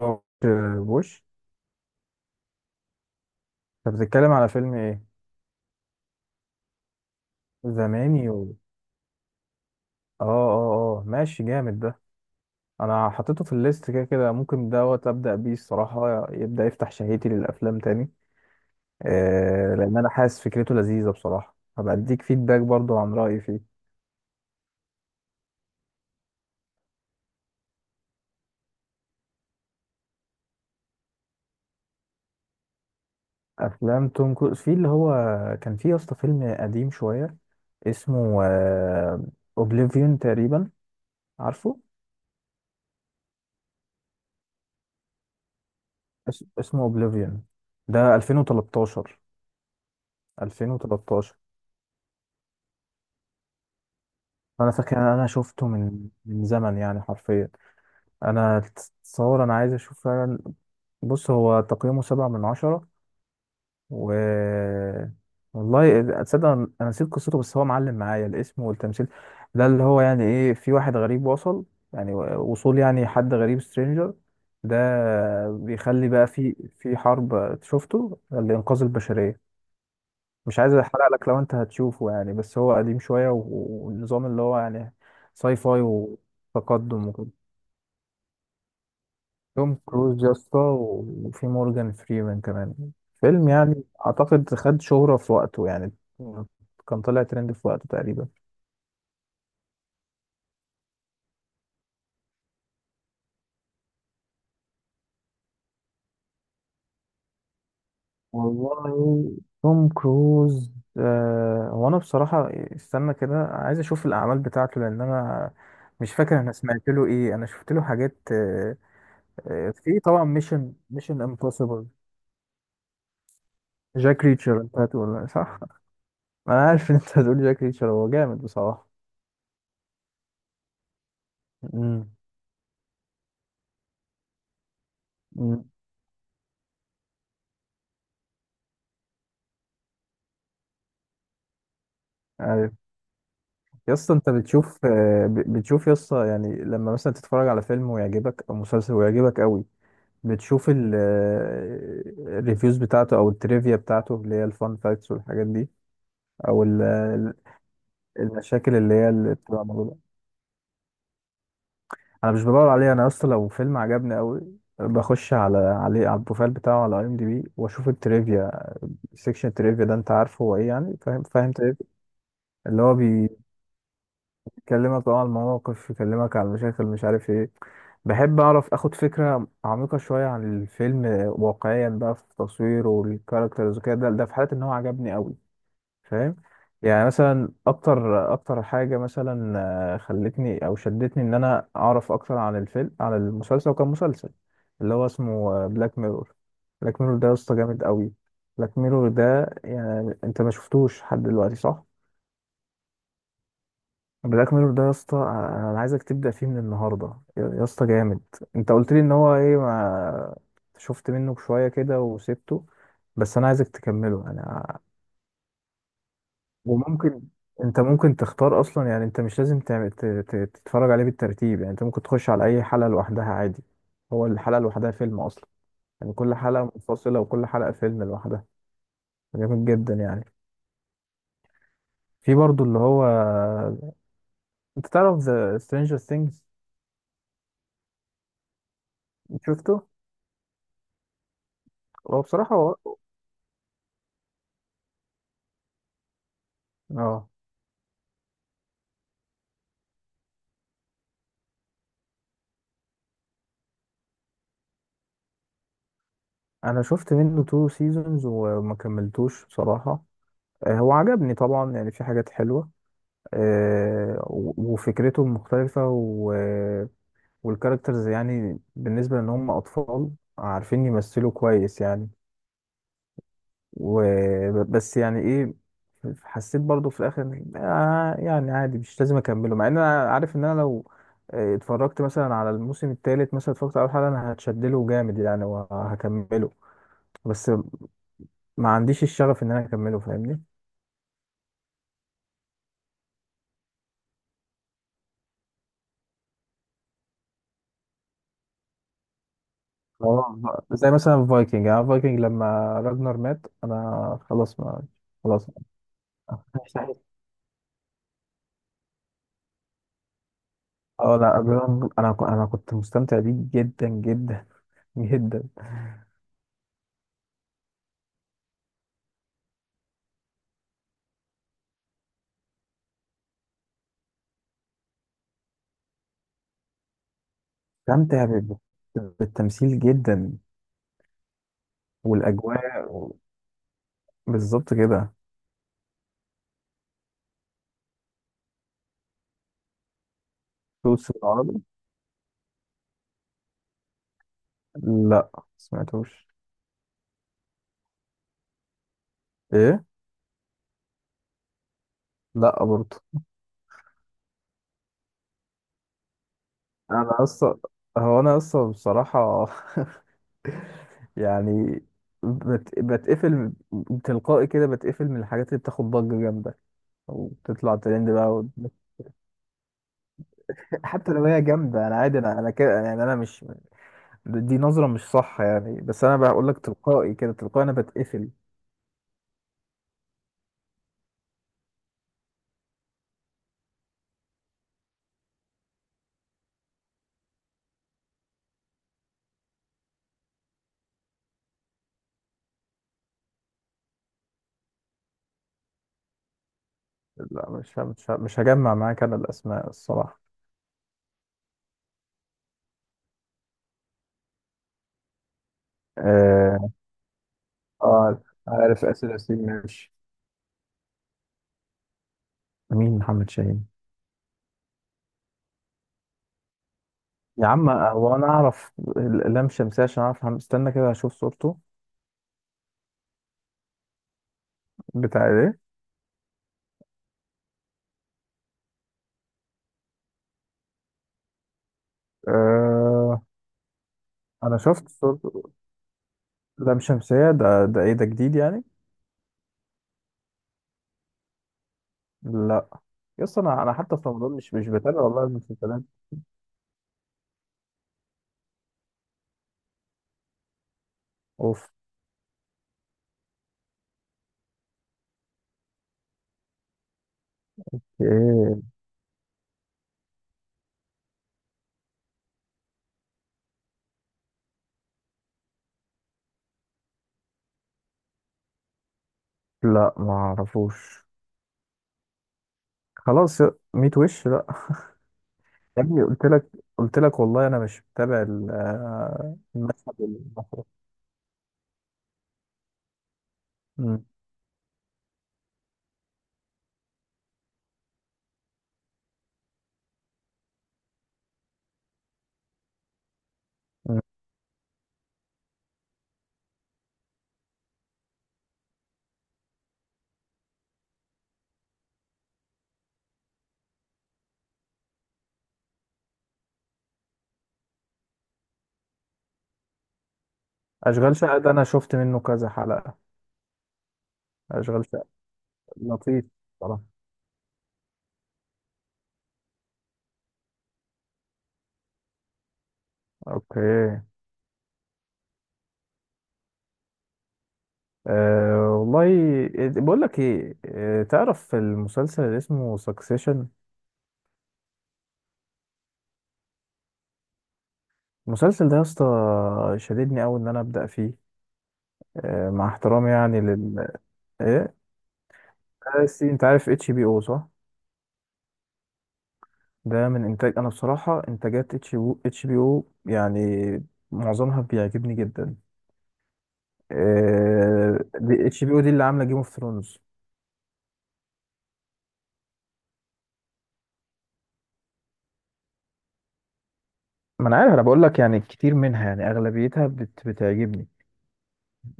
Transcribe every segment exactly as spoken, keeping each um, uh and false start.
آه، بوش. طب بتتكلم على فيلم ايه؟ زماني و... اه اه اه ماشي، جامد ده. انا حطيته في الليست، كده كده ممكن دوت ابدا بيه الصراحه، يبدا يفتح شهيتي للافلام تاني. آه لان انا حاسس فكرته لذيذه بصراحه، هبقى اديك فيدباك برضو عن رايي فيه. افلام توم كروز، في اللي هو كان في يا اسطى فيلم قديم شويه، اسمه اوبليفيون تقريبا، عارفه؟ اس- اسمه اوبليفيون. ده ألفين وتلتاشر. ألفين وثلاثة عشر. انا فاكر إن انا شفته من من زمن يعني حرفيا. انا تصور انا عايز اشوف فعلا. بص هو تقييمه سبعة من عشرة و... والله تصدق انا أنا نسيت قصته، بس هو معلم معايا الاسم والتمثيل. ده اللي هو يعني ايه، في واحد غريب وصل، يعني و- وصول، يعني حد غريب، سترينجر. ده بيخلي بقى في في حرب شفته لإنقاذ البشرية. مش عايز احرق لك لو انت هتشوفه يعني، بس هو قديم شوية و- والنظام اللي هو يعني ساي فاي وتقدم وكده. توم كروز يا اسطى، و- وفي مورجان فريمان كمان. فيلم يعني اعتقد خد شهرة في وقته يعني، كان طلع ترند في وقته تقريبا. والله، توم كروز، آه هو انا بصراحة استنى كده عايز اشوف الاعمال بتاعته، لان انا مش فاكر انا سمعت له ايه. انا شفت له حاجات آه. آه، في طبعا ميشن ميشن امبوسيبل. جاك ريتشر، انت هتقول صح. ما انا عارف ان انت هتقول جاك ريتشر، هو جامد بصراحة. امم. امم. عارف. يا اسطى انت بتشوف، آه، ب- بتشوف يا اسطى يعني لما مثلا تتفرج على فيلم ويعجبك او مسلسل ويعجبك قوي، بتشوف ال- آه، الريفيوز بتاعته او التريفيا بتاعته اللي هي الفان فاكتس والحاجات دي، او ال- ال- المشاكل اللي هي اللي بتبقى موجودة؟ انا مش بدور عليها. انا يا اسطى لو فيلم عجبني قوي، بخش على عليه، على البروفايل بتاعه على اي ام دي بي، واشوف التريفيا. السكشن تريفيا ده انت عارفه هو ايه يعني؟ فاهم؟ فاهم تريفيا اللي هو بيكلمك اه على المواقف، يكلمك على المشاكل مش عارف ايه. بحب اعرف، اخد فكرة عميقة شوية عن الفيلم واقعيا بقى، في تصويره والكاركترز وكده. ده ده في حالة ان هو عجبني قوي، فاهم؟ يعني مثلا اكتر اكتر حاجه مثلا آه، خلتني او شدتني ان انا اعرف اكتر عن الفيلم عن المسلسل، وكان مسلسل اللي هو اسمه بلاك ميرور. بلاك ميرور ده يا اسطى جامد قوي. بلاك ميرور ده يعني انت ما شفتوش لحد دلوقتي، صح؟ بلاك ميرور ده يا اسطى، آه، انا عايزك تبدا فيه من النهارده، يا يا اسطى جامد. انت قلت لي ان هو ايه، ما شفت منه شويه كده وسبته، بس انا عايزك تكمله. انا وممكن، انت ممكن تختار اصلا يعني، انت مش لازم تعمل ت- ت- تتفرج عليه بالترتيب يعني، انت ممكن تخش على اي حلقة لوحدها عادي. هو الحلقة لوحدها فيلم اصلا، يعني كل حلقة منفصلة وكل حلقة فيلم لوحدها. جامد جدا يعني. في برضو اللي هو، انت تعرف ذا سترينجر ثينجز؟ شفته؟ هو بصراحة هو... اه انا شفت منه تو سيزونز وما كملتوش بصراحة. آه، هو عجبني طبعا يعني، في حاجات حلوة، آه، و- وفكرته مختلفة. والكاركترز يعني بالنسبة لأن هم أطفال، عارفين يمثلوا كويس يعني. وبس يعني إيه، حسيت برضو في الآخر آه يعني عادي مش لازم أكمله، مع إن أنا عارف إن أنا لو آه، اتفرجت مثلا على الموسم الثالث، مثلا اتفرجت على أول حلقة، أنا هتشدله جامد يعني وهكمله. بس ما عنديش الشغف إن أنا أكمله، فاهمني؟ اه. زي مثلا فايكنج، يعني فايكنج لما راجنر مات أنا خلاص ما خلاص. اه لا ابيض، انا ك- انا كنت مستمتع بيه جدا جدا جدا. مستمتع ب- ب- بالتمثيل جدا، والاجواء و... بالظبط كده. فلوس العربي؟ لا. سمعتوش. ايه. لا برضه. انا اصلا، هو انا اصلا بصراحه يعني بت... بتقفل تلقائي كده، بتقفل من الحاجات اللي بتاخد ضجه جامده وتطلع ترند بقى و... حتى لو هي جامده انا عادي. انا انا كده يعني، انا مش، دي نظرة مش صح يعني، بس أنا بقول لك تلقائي كده، تلقائي أنا بتقفل. لا مش ه- مش ه- مش هجمع معاك أنا الأسماء الصراحة. آه. اه. عارف آسر ياسين ماشي. مين محمد شاهين؟ يا عم هو أنا أعرف لام شمسية عشان أعرف محمد، استنى كده أشوف صورته. بتاع إيه؟ آه. أنا شفت صورته. لام شمسية ده، ده إيه ده، جديد يعني؟ لا. يس أنا أنا حتى في رمضان مش مش بتابع والله المسلسلات. أوف. إيه؟ لا ما أعرفوش. خلاص يا، ميت وش لا. يا ابني قلت لك، قلت لك والله انا مش متابع ال- آه، المشهد المصري. مم. مم. اشغال شقه ده انا شفت منه كذا حلقه. اشغال شقه لطيف صراحه. اوكي. أه والله. بقول لك ايه، آه، تعرف المسلسل اللي اسمه سكسيشن؟ المسلسل ده يا اسطى شددني قوي ان انا ابدا فيه. أه مع احترامي يعني لل، ايه، آه، سي- انت عارف اتش بي او صح؟ ده من انتاج، انا بصراحه انتاجات اتش بي، اتش بي او يعني معظمها بيعجبني جدا. اتش بي او دي اللي عامله جيم اوف ثرونز. ما انا عارف، انا بقول لك يعني كتير منها يعني اغلبيتها بت بتعجبني،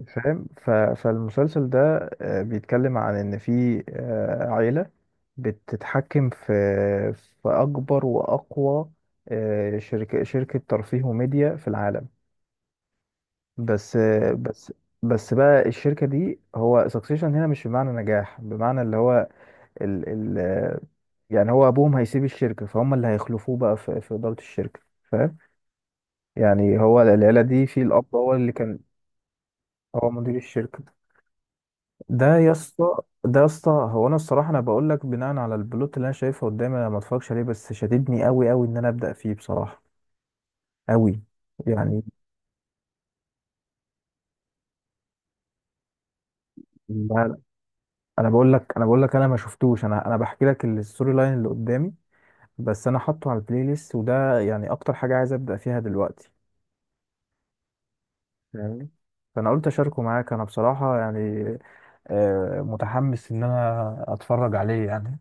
فاهم؟ ف... فالمسلسل ده آه، بيتكلم عن ان في آه، عيله بتتحكم في، في اكبر واقوى آه، شركه، شركه ترفيه وميديا في العالم. بس. بس. بس بقى الشركة دي، هو سكسيشن هنا مش بمعنى نجاح، بمعنى اللي هو ال ال يعني هو أبوهم هيسيب الشركة، فهم اللي هيخلفوه بقى في, في إدارة الشركة، فاهم؟ يعني هو العيلة دي في الأب هو اللي كان هو مدير الشركة. ده يا اسطى، ده يا اسطى هو أنا الصراحة أنا بقول لك بناء على البلوت اللي أنا شايفها قدامي، أنا ما اتفرجش عليه، بس شددني أوي أوي إن أنا أبدأ فيه بصراحة أوي. يعني لا- انا بقول لك انا بقول لك انا ما شفتوش، انا انا بحكي لك الستوري لاين اللي قدامي بس، انا حاطه على البلاي ليست، وده يعني اكتر حاجه عايز ابدا فيها دلوقتي. فاهمني؟ فانا قلت اشاركه معاك، انا بصراحه يعني آه، متحمس ان انا اتفرج عليه يعني.